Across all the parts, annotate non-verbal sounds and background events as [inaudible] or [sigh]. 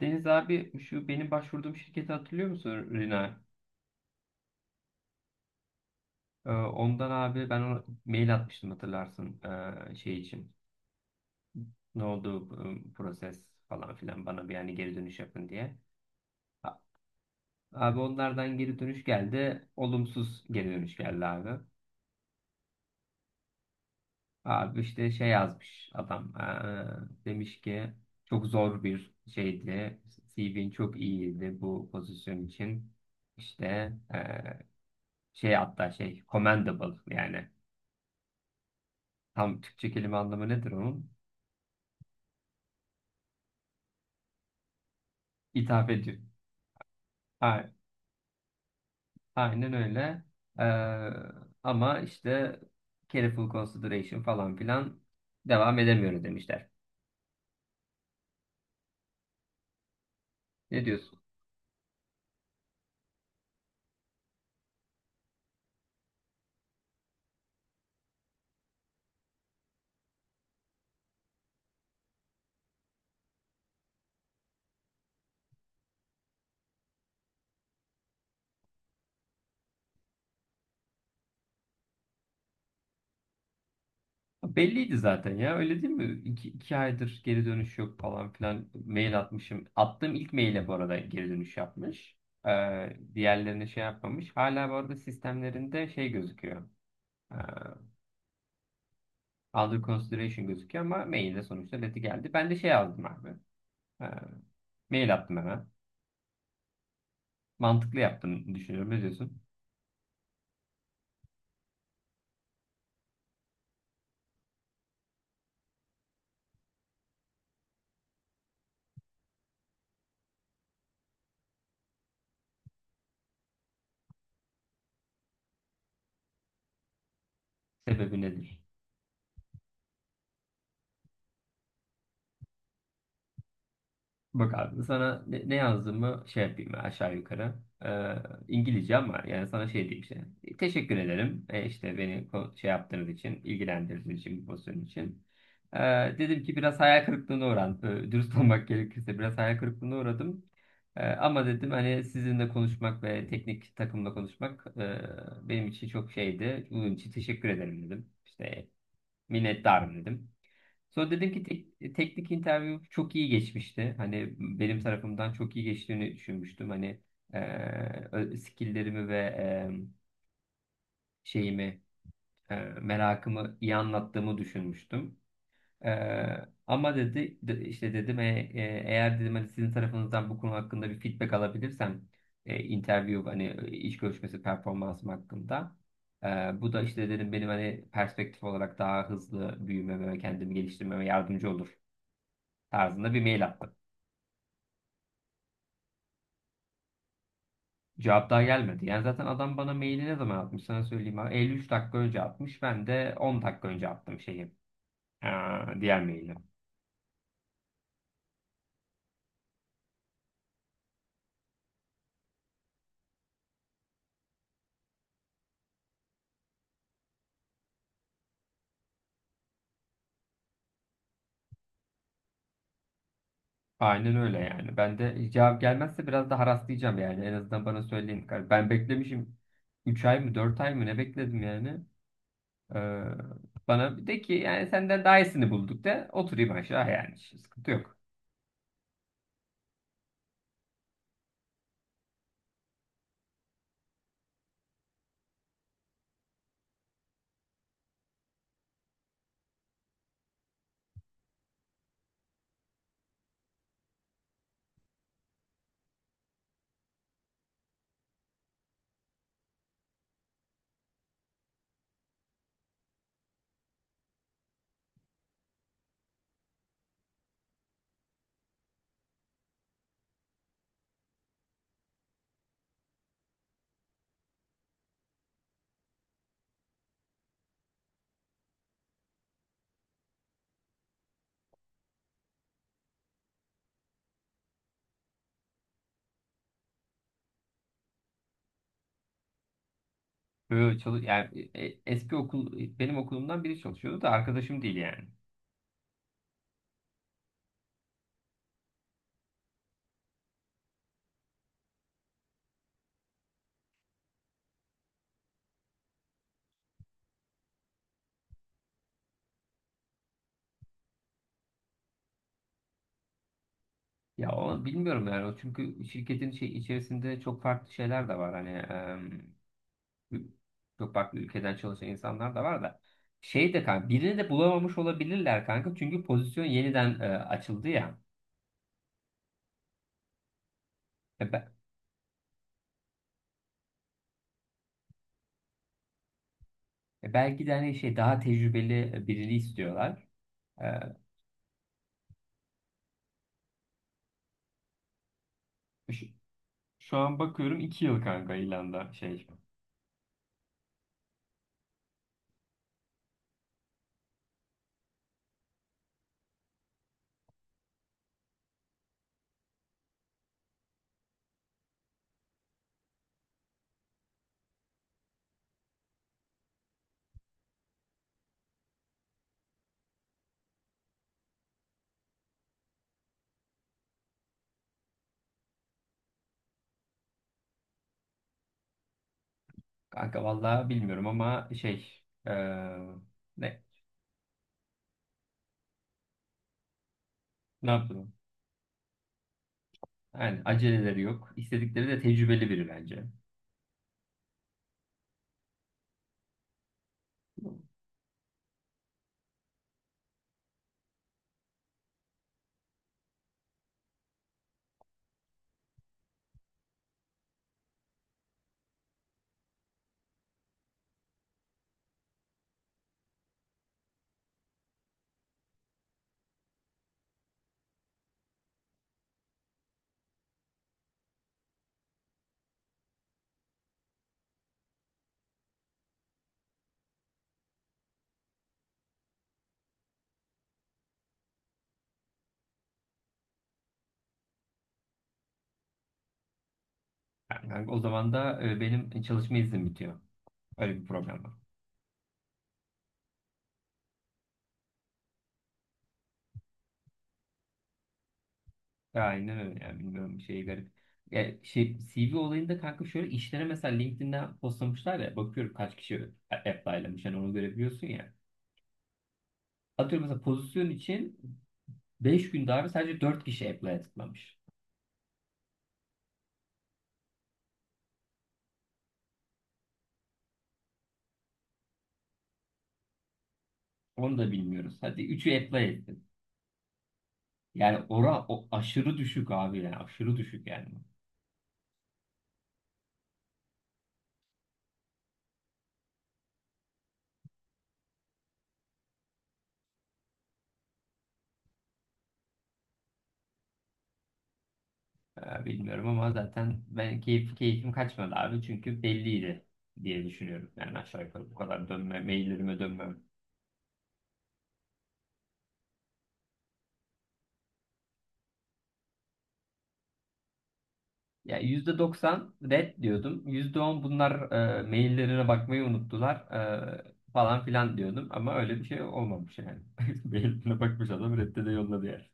Deniz abi şu benim başvurduğum şirketi hatırlıyor musun Rina? Ondan abi ben ona mail atmıştım hatırlarsın şey için. Ne oldu bu proses falan filan bana bir yani geri dönüş yapın diye. A- Abi onlardan geri dönüş geldi. Olumsuz geri dönüş geldi abi. Abi işte şey yazmış adam. Demiş ki çok zor bir şeydi. CV'nin çok iyiydi bu pozisyon için. İşte ee, şey hatta şey commendable yani. Tam Türkçe kelime anlamı nedir onun? İthaf ediyor. A- Aynen öyle. Ee, ama işte careful consideration falan filan devam edemiyoruz demişler. Ne diyorsun? Belliydi zaten ya, öyle değil mi? İki aydır geri dönüş yok falan filan mail atmışım. Attığım ilk maile bu arada geri dönüş yapmış. Diğerlerine şey yapmamış. Hala bu arada sistemlerinde şey gözüküyor. Ee, under consideration gözüküyor ama mailde sonuçta leti geldi. Ben de şey yazdım abi. Ee, Mail attım hemen. Mantıklı yaptığını düşünüyorum. Ne diyorsun? Sebebi nedir? Bak abi sana ne yazdığımı şey yapayım aşağı yukarı. Ee, İngilizce ama yani sana şey diyeyim işte. Teşekkür ederim. E, işte beni şey yaptığınız için, ilgilendirdiğiniz için, bu pozisyon için. Ee, dedim ki biraz hayal kırıklığına uğradım. Dürüst [laughs] olmak gerekirse biraz hayal kırıklığına uğradım. Ama dedim hani sizinle konuşmak ve teknik takımla konuşmak benim için çok şeydi. Bunun için teşekkür ederim dedim. İşte minnettarım dedim. Sonra dedim ki teknik interview çok iyi geçmişti. Hani benim tarafımdan çok iyi geçtiğini düşünmüştüm. Hani skilllerimi ve şeyimi, merakımı iyi anlattığımı düşünmüştüm. Ama dedi işte dedim eğer dedim hani sizin tarafınızdan bu konu hakkında bir feedback alabilirsem interview hani iş görüşmesi performansım hakkında e, bu da işte dedim benim hani perspektif olarak daha hızlı büyümeme ve kendimi geliştirmeme yardımcı olur tarzında bir mail attım. Cevap daha gelmedi. Yani zaten adam bana maili ne zaman atmış sana söyleyeyim abi. 53 dakika önce atmış. Ben de 10 dakika önce attım şeyi. e, diğer maili. Aynen öyle yani. Ben de cevap gelmezse biraz da haraslayacağım yani. En azından bana söyleyin. Hani ben beklemişim 3 ay mı 4 ay mı ne bekledim yani. Ee, bana bir de ki yani senden daha iyisini bulduk de oturayım aşağı yani. Hiç sıkıntı yok. Böyle çalış yani eski okul benim okulumdan biri çalışıyordu da arkadaşım değil yani. Ya o bilmiyorum yani o çünkü şirketin şey içerisinde çok farklı şeyler de var hani. Çok farklı ülkeden çalışan insanlar da var da. Şey de kanka birini de bulamamış olabilirler kanka. Çünkü pozisyon yeniden açıldı ya. E, be- belki de hani şey daha tecrübeli birini istiyorlar. E, şu, şu an bakıyorum 2 yıl kanka ilanda şey. Kanka vallahi bilmiyorum ama şey ne ne yapalım? Yani aceleleri yok. İstedikleri de tecrübeli biri bence. Yani kanka o zaman da benim çalışma iznim bitiyor. Öyle bir problem var. Aynen öyle yani, bilmiyorum, şey garip. Ya şey CV olayında kanka şöyle işlere mesela LinkedIn'den postlamışlar ya, bakıyorum kaç kişi apply'lamış hani onu görebiliyorsun ya. Atıyorum mesela pozisyon için 5 gün daha sadece 4 kişi apply tıklamış. Onu da bilmiyoruz. Hadi 3'ü apply ettin. Yani ora o aşırı düşük abi, yani aşırı düşük yani. Bilmiyorum ama zaten ben keyfim kaçmadı abi çünkü belliydi diye düşünüyorum. Yani aşağı yukarı bu kadar dönme maillerime dönmem. Ya %90 red diyordum. %10 bunlar maillerine bakmayı unuttular falan filan diyordum. Ama öyle bir şey olmamış yani. [laughs] Mailine bakmış adam redde de yolladı yani.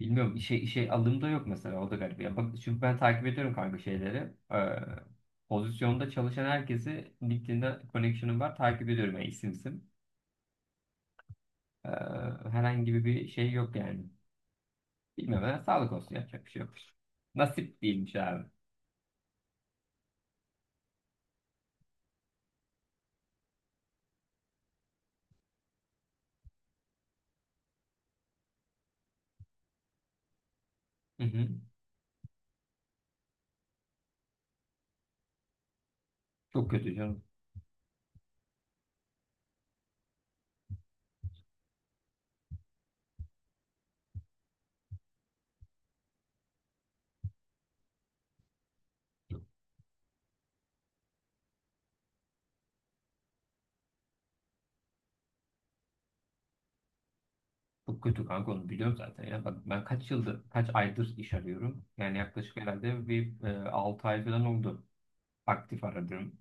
Bilmiyorum işe alım da yok mesela, o da garip. Ya bak, çünkü ben takip ediyorum kanka şeyleri. E, pozisyonda çalışan herkesi LinkedIn'de connection'ım var. Takip ediyorum yani isim isim. E, herhangi bir şey yok yani. Bilmiyorum ya, sağlık olsun, yapacak bir şey yok. Nasip değilmiş abi. Hı hı. Çok kötü canım. Çok kötü kanka, onu biliyorum zaten ya. Bak ben kaç aydır iş arıyorum. Yani yaklaşık herhalde bir 6 ay falan oldu, aktif aradım.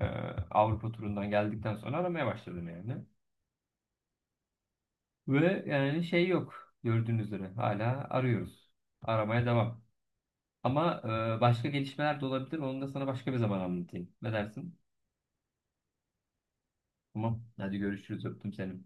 E, Avrupa turundan geldikten sonra aramaya başladım yani. Ve yani şey yok, gördüğünüz üzere hala arıyoruz. Aramaya devam. Ama başka gelişmeler de olabilir. Onu da sana başka bir zaman anlatayım. Ne dersin? Tamam. Hadi görüşürüz. Öptüm seni.